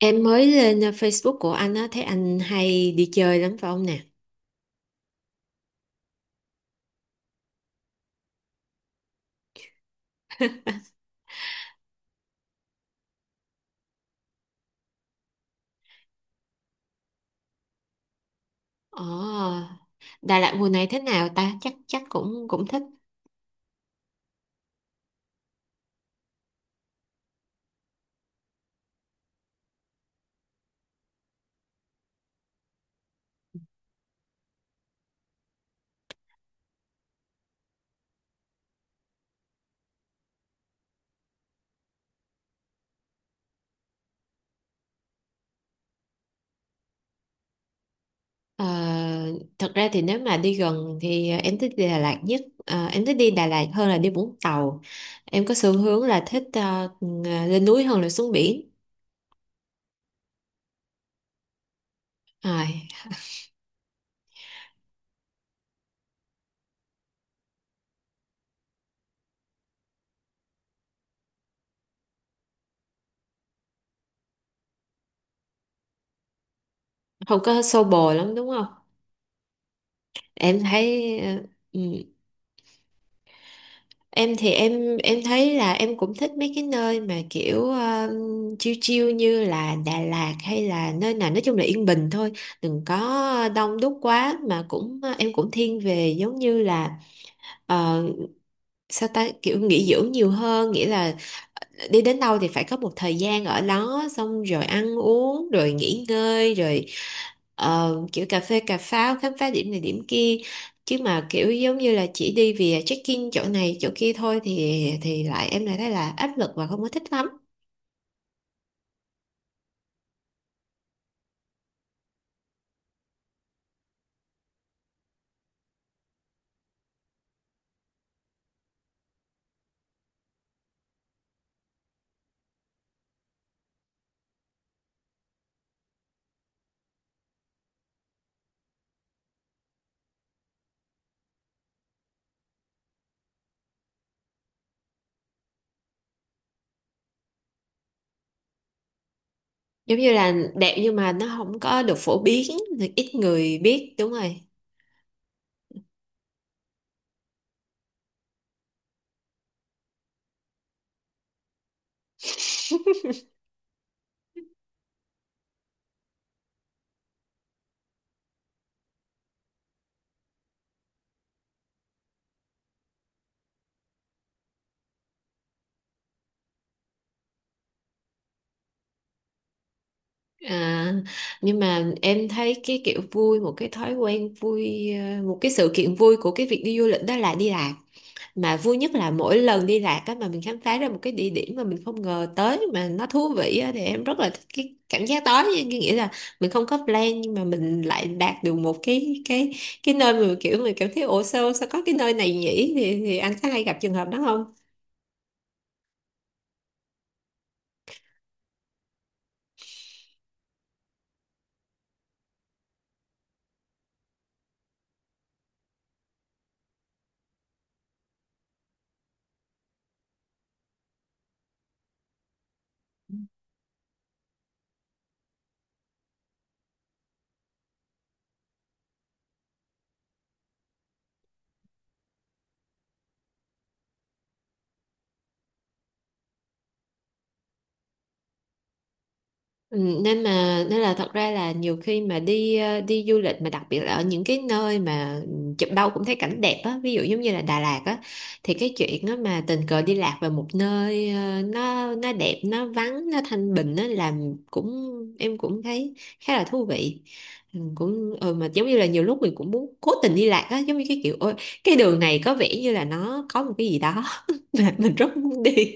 Em mới lên Facebook của anh á, thấy anh hay đi chơi lắm phải không nè? Ồ, Đà Lạt mùa này thế nào ta? Chắc chắc cũng cũng thích. Ờ, thật ra thì nếu mà đi gần thì em thích đi Đà Lạt nhất. Ờ, em thích đi Đà Lạt hơn là đi Vũng Tàu. Em có xu hướng là thích ờ, lên núi hơn là xuống biển. Rồi, không có xô bồ lắm đúng không? Em thấy ờ, ừ. Em thì em thấy là em cũng thích mấy cái nơi mà kiểu chill chill như là Đà Lạt hay là nơi nào nói chung là yên bình thôi, đừng có đông đúc quá mà cũng ờ, em cũng thiên về giống như là ờ, sao ta kiểu nghỉ dưỡng nhiều hơn, nghĩa là ờ, đi đến đâu thì phải có một thời gian ở đó xong rồi ăn uống rồi nghỉ ngơi rồi. Ờ, kiểu cà phê cà pháo khám phá điểm này điểm kia, chứ mà kiểu giống như là chỉ đi vì check-in chỗ này chỗ kia thôi thì lại em lại thấy là áp lực và không có thích lắm. Giống như là đẹp nhưng mà nó không có được phổ biến thì ít người biết, đúng rồi. À, nhưng mà em thấy cái kiểu vui một cái thói quen vui ờ, một cái sự kiện vui của cái việc đi du lịch đó là đi làm mà vui nhất là mỗi lần đi lạc á mà mình khám phá ra một cái địa điểm mà mình không ngờ tới mà nó thú vị á, thì em rất là thích cái cảm giác đó, cái nghĩa là mình không có plan nhưng mà mình lại đạt được một cái cái nơi mà kiểu mình cảm thấy ủa sao sao có cái nơi này nhỉ, thì anh có hay gặp trường hợp đó không? Ừ, nên là thật ra là nhiều khi mà đi ờ, đi du lịch mà đặc biệt là ở những cái nơi mà ừ, chụp đâu cũng thấy cảnh đẹp á, ví dụ giống như là Đà Lạt á, thì cái chuyện á mà tình cờ đi lạc vào một nơi ờ, nó đẹp nó vắng nó thanh bình á, làm cũng em cũng thấy khá là thú vị. Ừ, cũng ừ, mà giống như là nhiều lúc mình cũng muốn cố tình đi lạc á, giống như cái kiểu ôi cái đường này có vẻ như là nó có một cái gì đó mà mình rất muốn đi.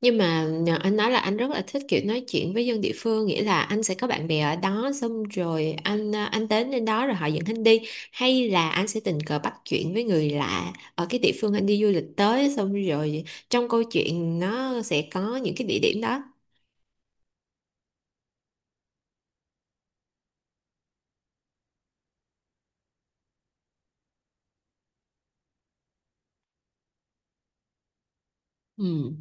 Nhưng mà nhờ anh nói là anh rất là thích kiểu nói chuyện với dân địa phương, nghĩa là anh sẽ có bạn bè ở đó xong rồi anh đến đến đó rồi họ dẫn anh đi, hay là anh sẽ tình cờ bắt chuyện với người lạ ở cái địa phương anh đi du lịch tới xong rồi trong câu chuyện nó sẽ có những cái địa điểm đó. Ừ.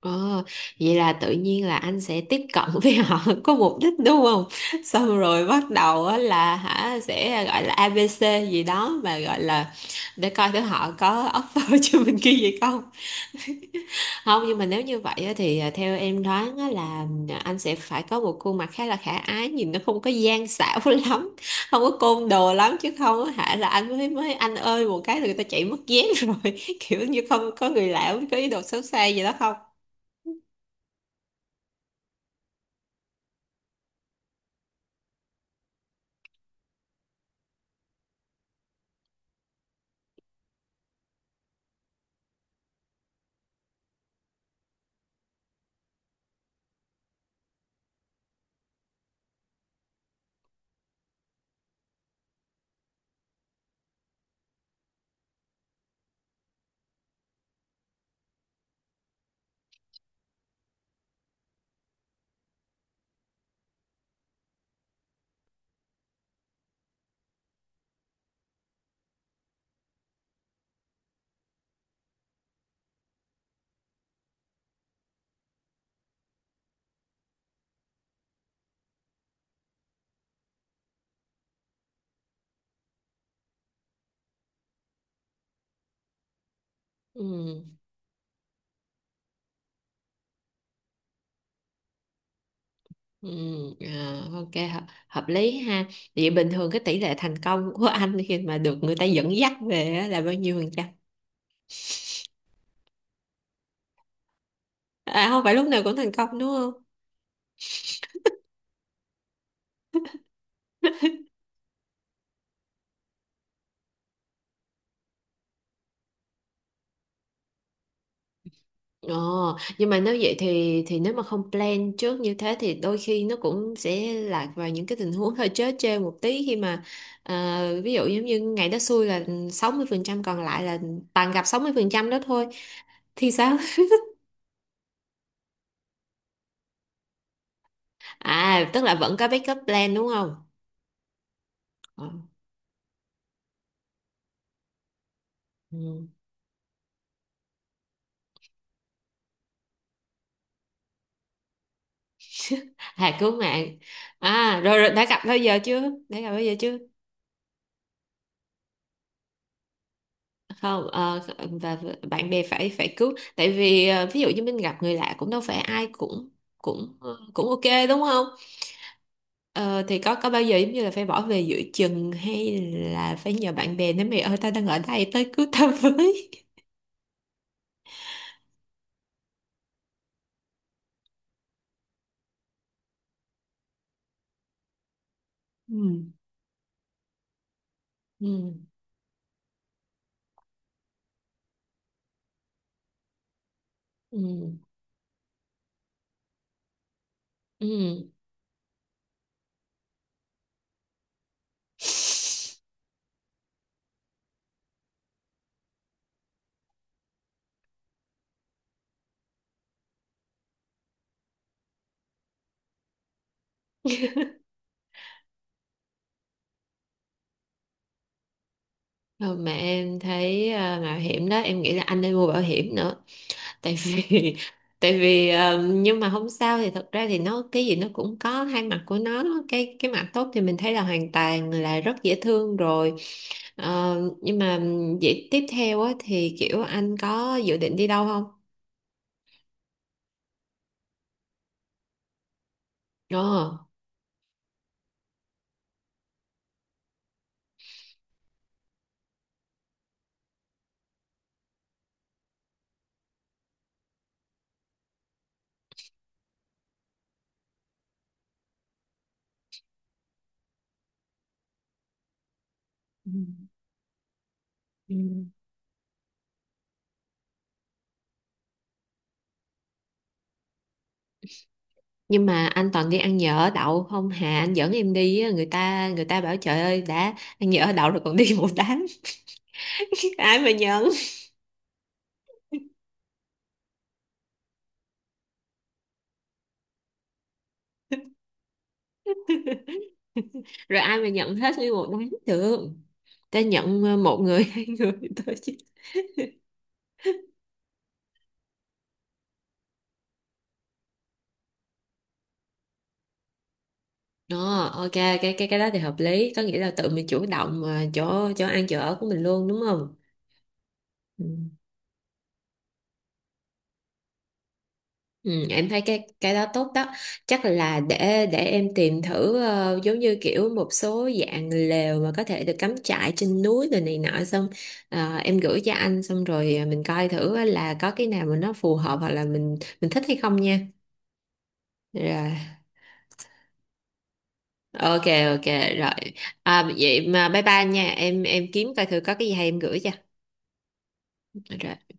Ờ, vậy là tự nhiên là anh sẽ tiếp cận với họ có mục đích đúng không? Xong rồi bắt đầu á là hả sẽ gọi là A ABC gì đó mà gọi là để coi thử họ có offer cho mình cái gì không. Không, nhưng mà nếu như vậy á thì à, theo em đoán á là à, anh sẽ phải có một khuôn mặt khá là khả ái nhìn nó không có gian xảo lắm, không có côn đồ lắm chứ không á hả là anh mới mới anh ơi một cái là người ta chạy mất dép rồi. Kiểu như không có người lạ có ý đồ xấu xa gì đó không? Ừ. Ừ, à, ok hợp lý ha, vậy bình thường cái tỷ lệ thành công của anh khi mà được người ta dẫn dắt về á là bao nhiêu phần trăm? À không phải lúc nào cũng thành công đúng không? Ồ, nhưng mà nếu vậy thì nếu mà không plan trước như thế thì đôi khi nó cũng sẽ lạc vào những cái tình huống hơi trớ trêu một tí khi mà à, ví dụ giống như ngày đó xui là 60% còn lại là toàn gặp 60% đó thôi thì sao? À, tức là vẫn có backup plan đúng không? Ờ. Ừ. À cứu mạng. À rồi, rồi đã gặp bao giờ chưa? Đã gặp bao giờ chưa? Không ờ, và bạn bè phải phải cứu tại vì ờ, ví dụ như mình gặp người lạ cũng đâu phải ai cũng cũng ờ, cũng ok đúng không? Ờ, thì có bao giờ giống như là phải bỏ về giữa chừng hay là phải nhờ bạn bè nói mày ơi tao đang ở đây tới cứu tao với. Ừ. Ừ. Ừ. Ừ. Thôi mà em thấy à, mạo hiểm đó em nghĩ là anh nên mua bảo hiểm nữa tại vì tại vì ờ, nhưng mà không sao thì thật ra thì nó cái gì nó cũng có hai mặt của nó, cái mặt tốt thì mình thấy là hoàn toàn là rất dễ thương rồi. Ờ, nhưng mà vậy tiếp theo á, thì kiểu anh có dự định đi đâu không? Ờ. Ừ. Ừ. Nhưng mà anh toàn đi ăn nhỡ ở đậu không hà anh dẫn em đi á, người ta bảo trời ơi đã ăn nhỡ ở đậu rồi còn đi một đám ai mà nhận. Rồi ai mà nhận hết nguyên một đám được, ta nhận ờ, một người hai người thôi chứ. Đó, ok cái đó thì hợp lý, có nghĩa là tự mình chủ động ờ, chỗ chỗ ăn chỗ ở của mình luôn đúng không? Ừ. Ừ, em thấy cái đó tốt đó, chắc là để em tìm thử ờ, giống như kiểu một số dạng lều mà có thể được cắm trại trên núi rồi này nọ xong ờ, em gửi cho anh xong rồi ờ, mình coi thử là có cái nào mà nó phù hợp hoặc là mình thích hay không nha. Rồi ok ok rồi à, vậy mà bye bye nha em kiếm coi thử có cái gì hay em gửi cho. Rồi.